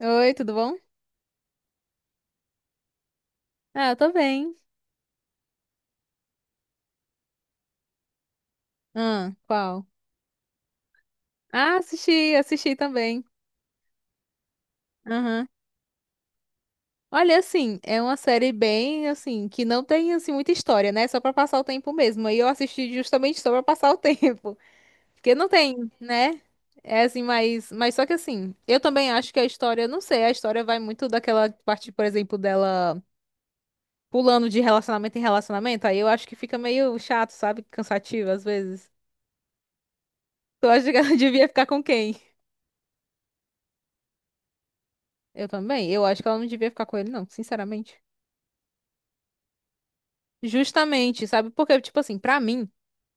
Oi, tudo bom? Ah, eu tô bem. Ah, qual? Ah, assisti, assisti também. Aham. Olha, assim, é uma série bem, assim, que não tem, assim, muita história, né? Só pra passar o tempo mesmo. Aí eu assisti justamente só pra passar o tempo. Porque não tem, né? É assim, mas só que assim, eu também acho que a história, não sei, a história vai muito daquela parte, por exemplo, dela pulando de relacionamento em relacionamento. Aí eu acho que fica meio chato, sabe? Cansativo às vezes. Tu acha que ela devia ficar com quem? Eu também. Eu acho que ela não devia ficar com ele, não, sinceramente. Justamente, sabe? Porque, tipo assim, pra mim,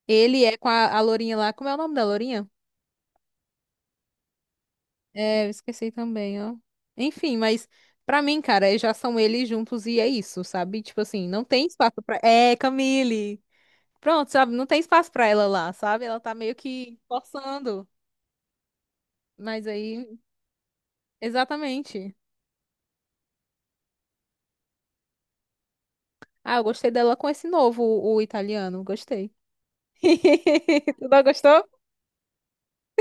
ele é com a Lourinha lá. Como é o nome da Lourinha? É, eu esqueci também, ó. Enfim, mas pra mim, cara, já são eles juntos e é isso, sabe? Tipo assim, não tem espaço pra. É, Camille! Pronto, sabe? Não tem espaço pra ela lá, sabe? Ela tá meio que forçando. Mas aí, exatamente. Ah, eu gostei dela com esse novo, o italiano. Gostei. Tu não gostou?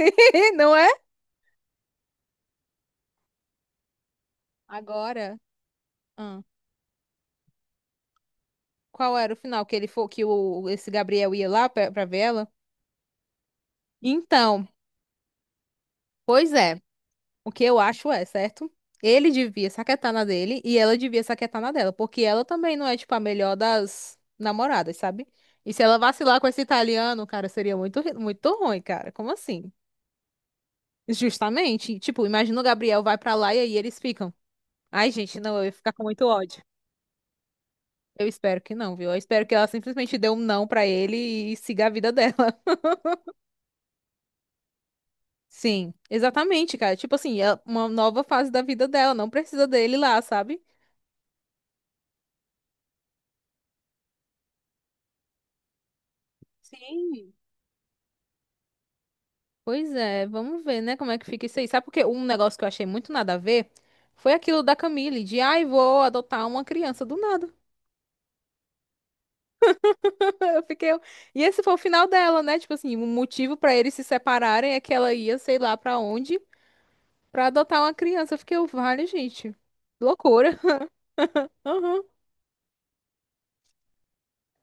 Não é? Agora. Qual era o final que ele for que o esse Gabriel ia lá pra ver ela? Então, pois é. O que eu acho é, certo? Ele devia saquetar na dele e ela devia saquetar na dela, porque ela também não é tipo a melhor das namoradas, sabe? E se ela vacilar com esse italiano, cara, seria muito ruim, cara. Como assim? Justamente, tipo, imagina o Gabriel vai pra lá e aí eles ficam. Ai, gente, não, eu ia ficar com muito ódio. Eu espero que não, viu? Eu espero que ela simplesmente dê um não pra ele e siga a vida dela. Sim, exatamente, cara. Tipo assim, é uma nova fase da vida dela, não precisa dele lá, sabe? Sim. Pois é, vamos ver, né, como é que fica isso aí. Sabe porque um negócio que eu achei muito nada a ver foi aquilo da Camille, de ai, vou adotar uma criança do nada. Eu fiquei. E esse foi o final dela, né? Tipo assim, o motivo pra eles se separarem é que ela ia, sei lá pra onde, pra adotar uma criança. Eu fiquei, vale, gente. Loucura. Aham.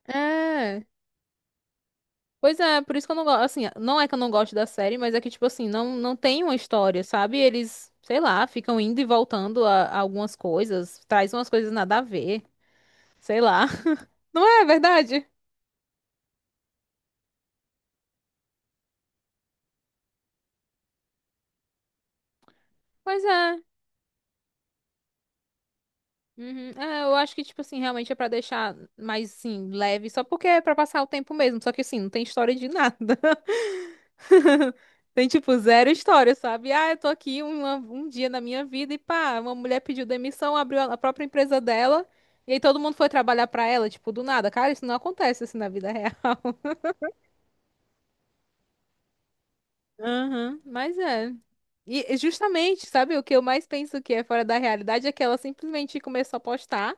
É. Pois é, por isso que eu não gosto, assim, não é que eu não gosto da série, mas é que, tipo assim, não, não tem uma história, sabe? Eles, sei lá, ficam indo e voltando a algumas coisas, traz umas coisas nada a ver, sei lá. Não é verdade? Pois é. Uhum. É, eu acho que, tipo assim, realmente é pra deixar mais, assim, leve, só porque é pra passar o tempo mesmo, só que, assim, não tem história de nada. Tem, tipo, zero história, sabe? Ah, eu tô aqui um dia na minha vida e pá, uma mulher pediu demissão, abriu a própria empresa dela e aí todo mundo foi trabalhar pra ela, tipo, do nada. Cara, isso não acontece assim na vida real. Aham, mas é. E justamente, sabe, o que eu mais penso que é fora da realidade é que ela simplesmente começou a postar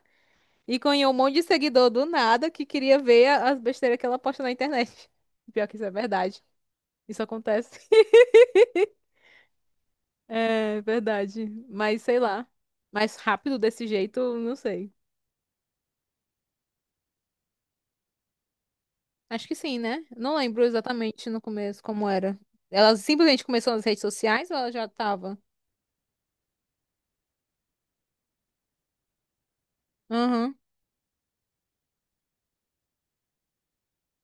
e ganhou um monte de seguidor do nada que queria ver as besteiras que ela posta na internet. Pior que isso é verdade. Isso acontece. É verdade. Mas sei lá. Mais rápido desse jeito, não sei. Acho que sim, né? Não lembro exatamente no começo como era. Ela simplesmente começou nas redes sociais ou ela já tava? Aham.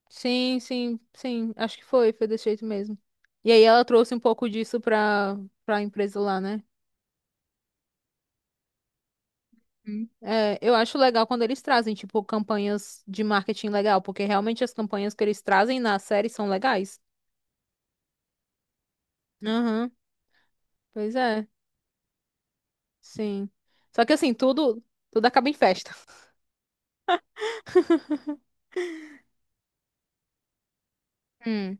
Sim, sim, sim. Acho que foi, foi desse jeito mesmo. E aí ela trouxe um pouco disso pra, pra empresa lá, né? Hum. É, eu acho legal quando eles trazem, tipo, campanhas de marketing legal, porque realmente as campanhas que eles trazem na série são legais. Aham, pois é. Sim. Só que assim, tudo, tudo acaba em festa. Hum.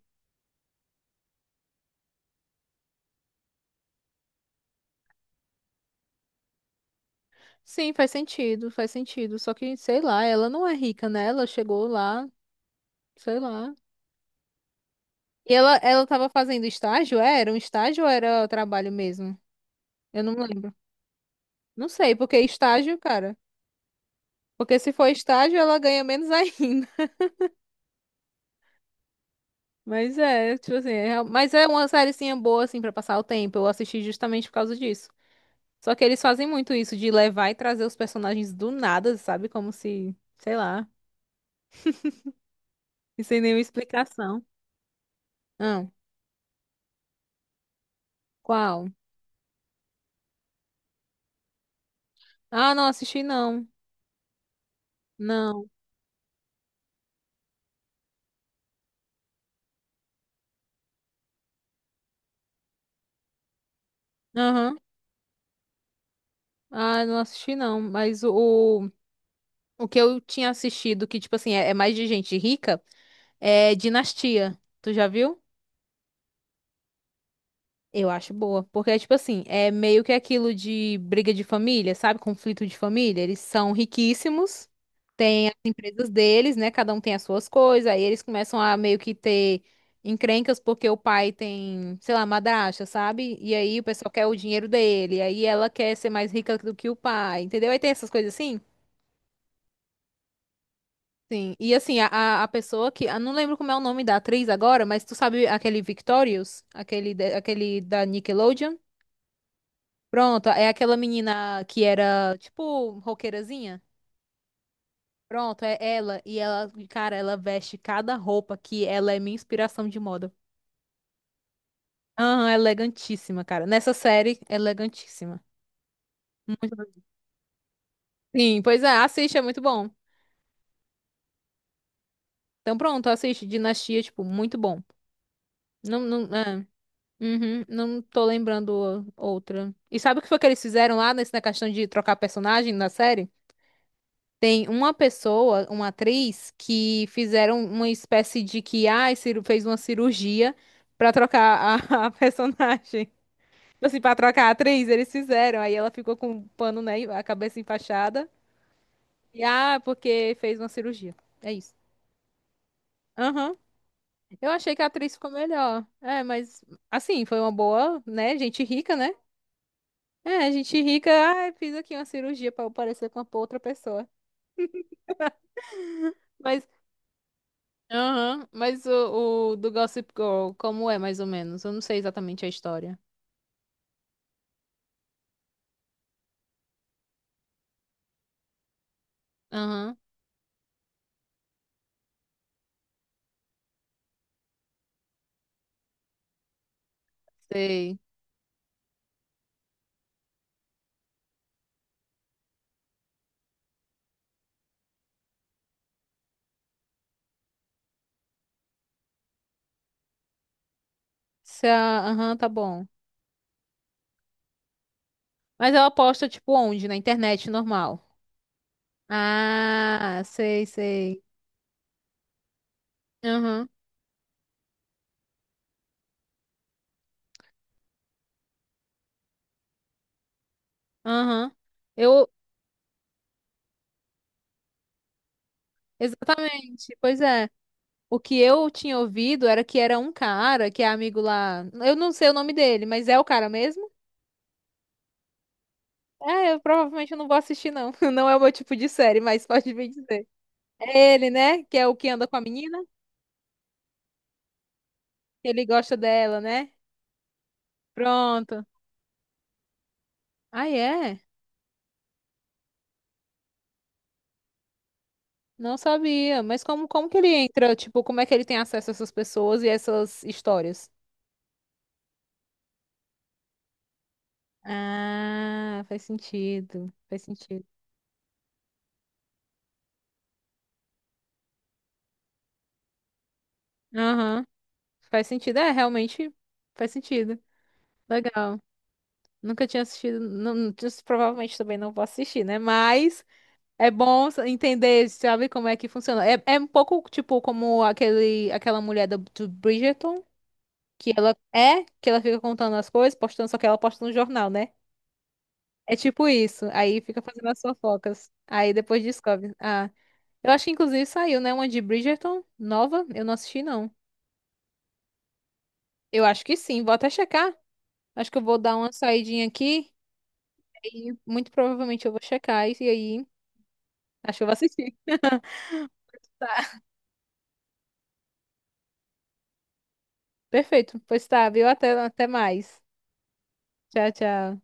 Sim, faz sentido, faz sentido. Só que, sei lá, ela não é rica, né? Ela chegou lá, sei lá. E ela tava fazendo estágio? É, era um estágio ou era trabalho mesmo? Eu não lembro. Não sei, porque estágio, cara. Porque se for estágio, ela ganha menos ainda. Mas é, tipo assim, mas é uma sériezinha boa, assim, pra passar o tempo. Eu assisti justamente por causa disso. Só que eles fazem muito isso, de levar e trazer os personagens do nada, sabe? Como se, sei lá. E sem nenhuma explicação. Ah, qual? Ah, não assisti não. Não. Aham. Ah, não assisti não. Mas o o que eu tinha assistido, que, tipo assim, é mais de gente rica, é Dinastia. Tu já viu? Eu acho boa. Porque é tipo assim, é meio que aquilo de briga de família, sabe? Conflito de família. Eles são riquíssimos. Coisas deles, né? Cada um tem as suas coisas, aí eles começam a meio que ter encrencas porque o pai tem, sei lá, madrasta, sabe? E aí o pessoal quer o dinheiro dele, aí ela quer ser mais rica do que o pai, entendeu? Aí tem essas coisas assim. Sim, e assim, a a pessoa que. Eu não lembro como é o nome da atriz agora, mas tu sabe aquele Victorious? Aquele, aquele da Nickelodeon? Pronto, é aquela menina que era, tipo, roqueirazinha. Pronto, é ela. E ela, cara, ela veste cada roupa que ela é minha inspiração de moda. Aham, elegantíssima, cara. Nessa série, elegantíssima. Muito- Sim, pois é, assiste, é muito bom. Então pronto, assiste Dinastia, tipo, muito bom. Não, não, é. Uhum, não tô lembrando outra. E sabe o que foi que eles fizeram lá nesse, na questão de trocar personagem na série? Tem uma pessoa, uma atriz, que fizeram uma espécie de que, ah, fez uma cirurgia pra trocar a, a personagem. Assim, pra trocar a atriz, eles fizeram. Aí ela ficou com um pano, né, a cabeça enfaixada. E, ah, porque fez uma cirurgia. É isso. Aham. Eu achei que a atriz ficou melhor. É, mas assim, foi uma boa, né? Gente rica, né? É, gente rica, ah, fiz aqui uma cirurgia pra eu parecer com uma outra pessoa. Mas, aham, mas o do Gossip Girl, como é mais ou menos? Eu não sei exatamente a história. Aham, sei. Se a- Aham, tá bom. Mas ela posta, tipo, onde? Na internet normal. Ah, sei, sei. Aham, aham. Eu, exatamente, pois é. O que eu tinha ouvido era que era um cara que é amigo lá. Eu não sei o nome dele, mas é o cara mesmo? É, eu provavelmente eu não vou assistir, não. Não é o meu tipo de série, mas pode me dizer. É ele, né? Que é o que anda com a menina, que ele gosta dela, né? Pronto. Ah, é? Não sabia. Mas como, como que ele entra? Tipo, como é que ele tem acesso a essas pessoas e essas histórias? Ah, faz sentido. Faz sentido. Aham. Faz sentido. É, realmente faz sentido. Legal. Nunca tinha assistido, não. Provavelmente também não vou assistir, né? Mas é bom entender, sabe, como é que funciona. É, é um pouco tipo como aquele, aquela mulher do Bridgerton, que ela é, que ela fica contando as coisas, postando, só que ela posta no jornal, né? É tipo isso. Aí fica fazendo as fofocas. Aí depois descobre. Ah, eu acho que inclusive saiu, né? Uma de Bridgerton nova. Eu não assisti, não. Eu acho que sim, vou até checar. Acho que eu vou dar uma saidinha aqui. E muito provavelmente eu vou checar. E aí. Acho que eu vou assistir. Tá. Perfeito. Pois tá, viu? Até, até mais. Tchau, tchau.